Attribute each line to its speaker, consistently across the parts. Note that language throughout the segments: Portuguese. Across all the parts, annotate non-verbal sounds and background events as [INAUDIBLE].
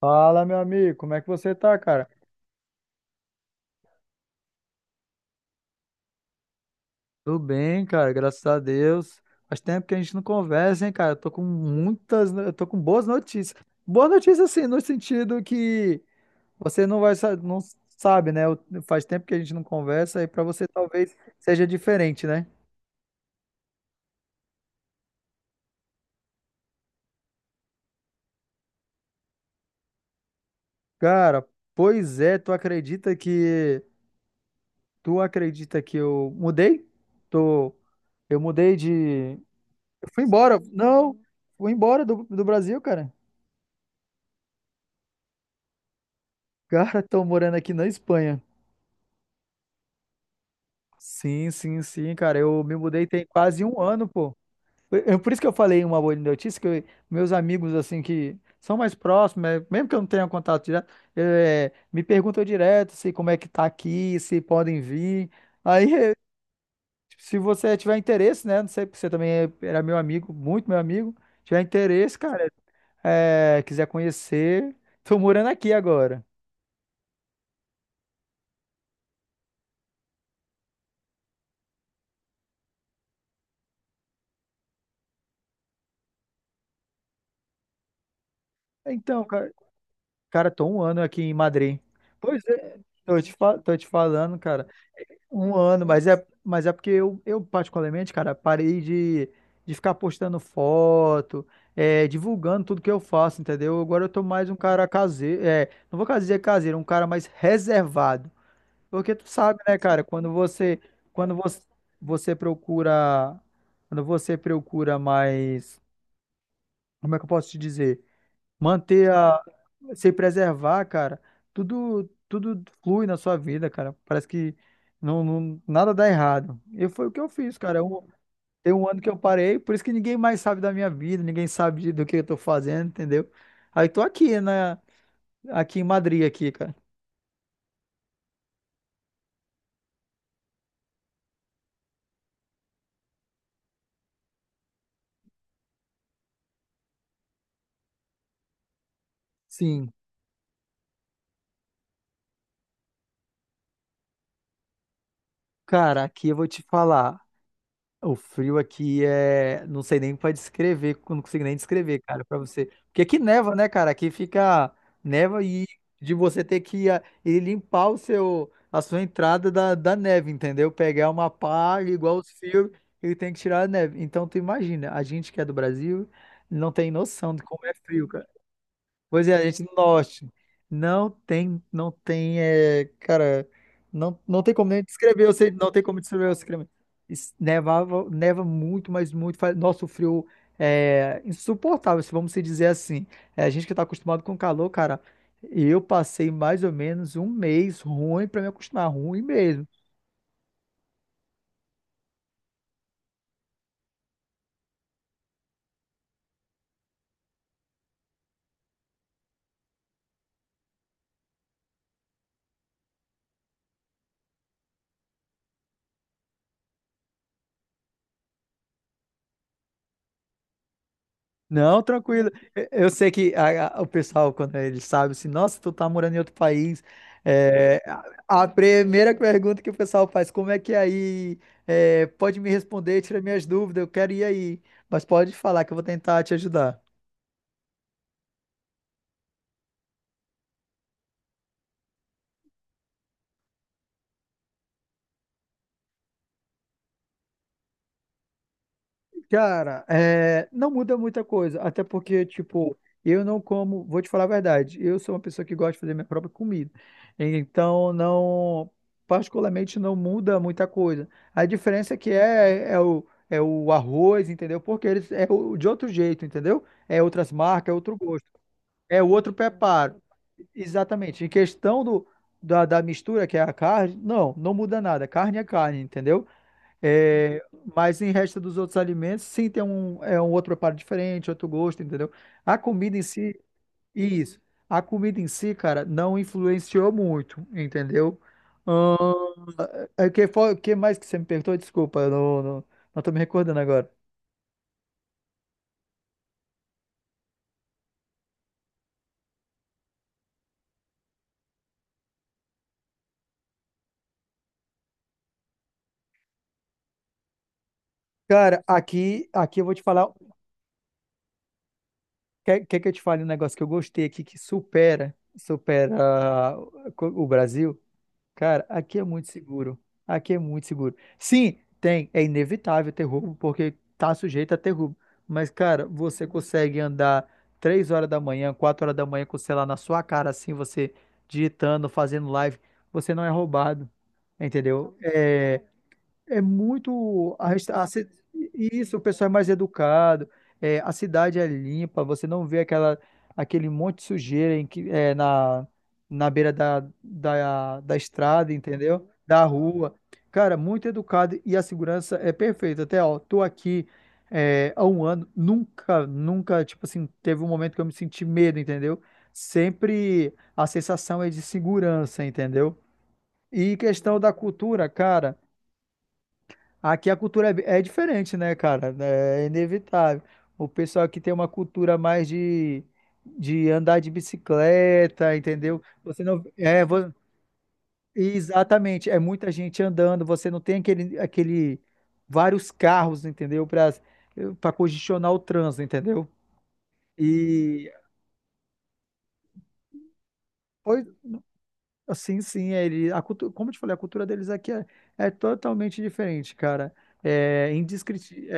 Speaker 1: Fala, meu amigo, como é que você tá, cara? Tudo bem, cara, graças a Deus. Faz tempo que a gente não conversa, hein, cara? Eu tô com boas notícias. Boas notícias, assim, no sentido que você não sabe, né? Faz tempo que a gente não conversa e pra você talvez seja diferente, né? Cara, pois é, tu acredita que eu mudei? Tô, eu mudei de, eu fui embora, não, fui embora do Brasil, cara. Cara, tô morando aqui na Espanha. Sim, sim, sim, cara. Eu me mudei tem quase um ano, pô. Por isso que eu falei uma boa notícia, meus amigos, assim, que são mais próximos, é, mesmo que eu não tenha contato direto, é, me perguntam direto se como é que tá aqui, se podem vir. Aí, [LAUGHS] é, se você tiver interesse, né? Não sei, porque você também era meu amigo, muito meu amigo. Tiver interesse, cara, é, quiser conhecer, tô morando aqui agora. Então, cara. Cara, tô um ano aqui em Madrid. Pois é, tô te falando, cara. Um ano, mas é porque eu particularmente, cara, parei de ficar postando foto, é, divulgando tudo que eu faço, entendeu? Agora eu tô mais um cara caseiro, é, não vou dizer caseiro, um cara mais reservado. Porque tu sabe, né, cara, quando você, você procura, quando você procura mais, como é que eu posso te dizer? Manter a Se preservar, cara, tudo flui na sua vida, cara. Parece que nada dá errado. E foi o que eu fiz, cara. Tem um ano que eu parei, por isso que ninguém mais sabe da minha vida, ninguém sabe do que eu tô fazendo, entendeu? Aí tô aqui, né? Aqui em Madrid, aqui, cara. Sim, cara, aqui eu vou te falar. O frio aqui é. Não sei nem pra descrever, não consigo nem descrever, cara, pra você. Porque aqui neva, né, cara? Aqui fica neva e de você ter que ir limpar a sua entrada da neve, entendeu? Pegar uma pá, igual os fios, e tem que tirar a neve. Então, tu imagina, a gente que é do Brasil não tem noção de como é frio, cara. Pois é, a gente do norte. Não tem, é, cara, não tem como nem descrever, eu sei, não tem como descrever o crime. Nevava, neva muito, mas muito, faz, nossa, o frio é insuportável, se vamos se dizer assim. É, a gente que tá acostumado com calor, cara, eu passei mais ou menos um mês ruim para me acostumar, ruim mesmo. Não, tranquilo. Eu sei que o pessoal, quando ele sabe assim, nossa, tu tá morando em outro país, é, a primeira pergunta que o pessoal faz, como é que é aí? É, pode me responder, tira minhas dúvidas, eu quero ir aí. Mas pode falar que eu vou tentar te ajudar. Cara, é, não muda muita coisa, até porque, tipo, eu não como, vou te falar a verdade, eu sou uma pessoa que gosta de fazer minha própria comida, então não, particularmente não muda muita coisa. A diferença é que é o arroz, entendeu? Porque eles é o, de outro jeito, entendeu? É outras marcas, é outro gosto, é outro preparo. Exatamente. Em questão da mistura, que é a carne, não muda nada. Carne é carne, entendeu? É, mas em resto dos outros alimentos, sim, tem um, é um outro preparo diferente, outro gosto, entendeu? A comida em si, isso. A comida em si, cara, não influenciou muito, entendeu? Ahn, que mais que você me perguntou? Desculpa, eu não tô me recordando agora. Cara, aqui, aqui eu vou te falar. Quer que eu te fale um negócio que eu gostei aqui que supera, supera ah, o Brasil? Cara, aqui é muito seguro. Aqui é muito seguro. Sim, tem. É inevitável ter roubo, porque tá sujeito a ter roubo. Mas, cara, você consegue andar 3 horas da manhã, 4 horas da manhã com o celular na sua cara, assim, você digitando, fazendo live. Você não é roubado. Entendeu? É, é muito. A, resta- a ci- Isso, o pessoal é mais educado, é, a cidade é limpa, você não vê aquela, aquele monte de sujeira em que, é, na beira da estrada, entendeu? Da rua. Cara, muito educado e a segurança é perfeita. Até, ó, tô aqui há um ano, nunca, nunca, tipo assim, teve um momento que eu me senti medo, entendeu? Sempre a sensação é de segurança, entendeu? E questão da cultura, cara. Aqui a cultura é diferente, né, cara? É inevitável. O pessoal aqui tem uma cultura mais de andar de bicicleta, entendeu? Você não. Exatamente. É muita gente andando, você não tem aquele, aquele vários carros, entendeu? Para congestionar o trânsito, entendeu? E. Pois sim, sim, a cultura, como eu te falei, a cultura deles aqui é, é totalmente diferente, cara. É indescritível,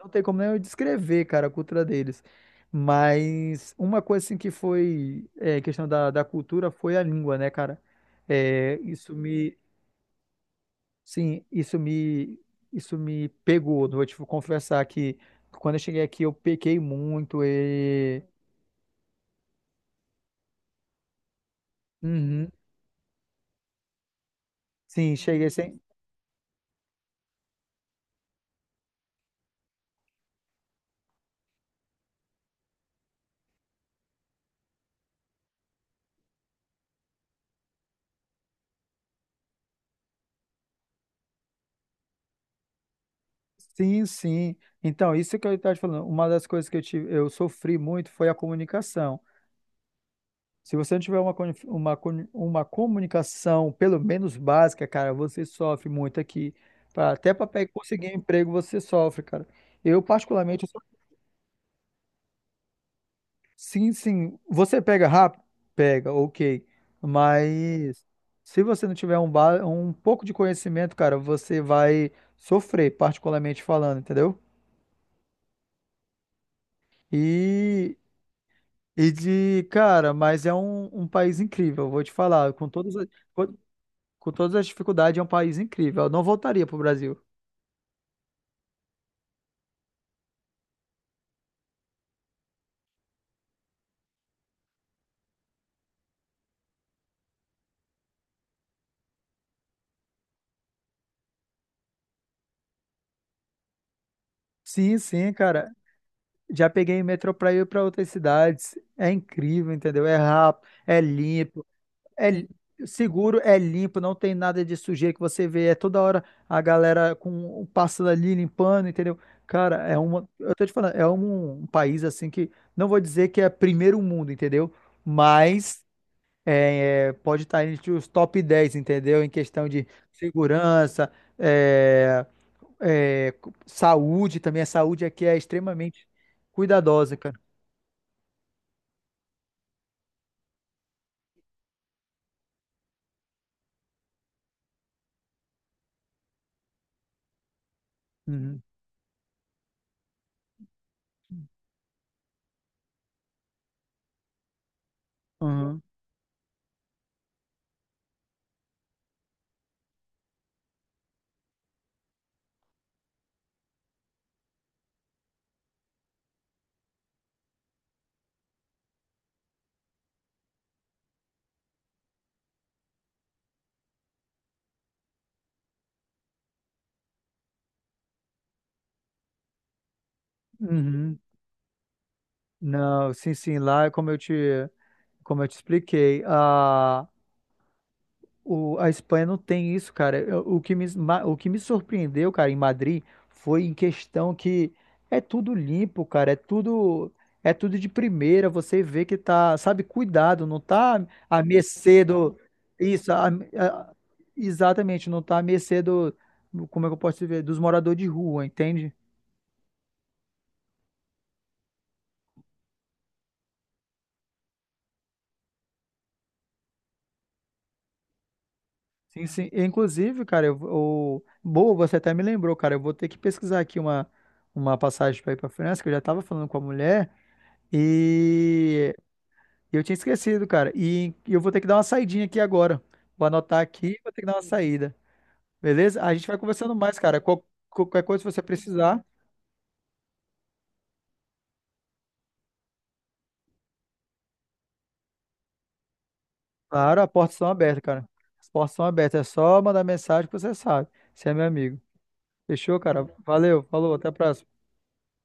Speaker 1: não tem como nem eu descrever, cara, a cultura deles. Mas uma coisa assim que foi é, questão da cultura foi a língua, né, cara? É, isso me, sim, isso me pegou. Vou te confessar que quando eu cheguei aqui eu pequei muito e, uhum, sim, cheguei sem. Sim, sim. Então, isso que eu estava te falando, uma das coisas que eu tive, eu sofri muito foi a comunicação. Se você não tiver uma comunicação, pelo menos básica, cara, você sofre muito aqui. Pra, até para conseguir um emprego, você sofre, cara. Eu, particularmente, eu sou- Sim, sim. Você pega rápido? Pega, ok. Mas se você não tiver um pouco de conhecimento, cara, você vai sofrer, particularmente falando, entendeu? E cara, mas é um país incrível, vou te falar. Com todas as, com com todas as dificuldades, é um país incrível. Eu não voltaria pro Brasil. Sim, sim, cara. Já peguei metrô pra ir pra outras cidades. É incrível, entendeu? É rápido, é limpo, é li- seguro, é limpo, não tem nada de sujeira que você vê. É toda hora a galera com passando ali, limpando, entendeu? Cara, é uma. Eu tô te falando, é um país assim que. Não vou dizer que é primeiro mundo, entendeu? Mas. É, é, pode estar entre os top 10, entendeu? Em questão de segurança, é, é, saúde também. A saúde aqui é extremamente cuidadosa, cara. Uhum, uhum, uhum. Não, sim, sim, lá, como eu te expliquei, a Espanha não tem isso, cara. O que me surpreendeu, cara, em Madrid foi em questão que é tudo limpo, cara. É tudo de primeira. Você vê que tá, sabe, cuidado, não tá à mercê do. Isso, a- exatamente, não tá à mercê do. Como é que eu posso dizer? Dos moradores de rua, entende? Sim, sim. Inclusive, cara, eu, o, boa, você até me lembrou, cara. Eu vou ter que pesquisar aqui uma passagem para ir para França, que eu já estava falando com a mulher. E eu tinha esquecido, cara. E eu vou ter que dar uma saidinha aqui agora. Vou anotar aqui e vou ter que dar uma saída. Beleza? A gente vai conversando mais, cara. Qualquer coisa que você precisar, claro, as portas são abertas, cara. As portas são abertas. É só mandar mensagem que você sabe. Você é meu amigo. Fechou, cara? Valeu, falou, até a próxima.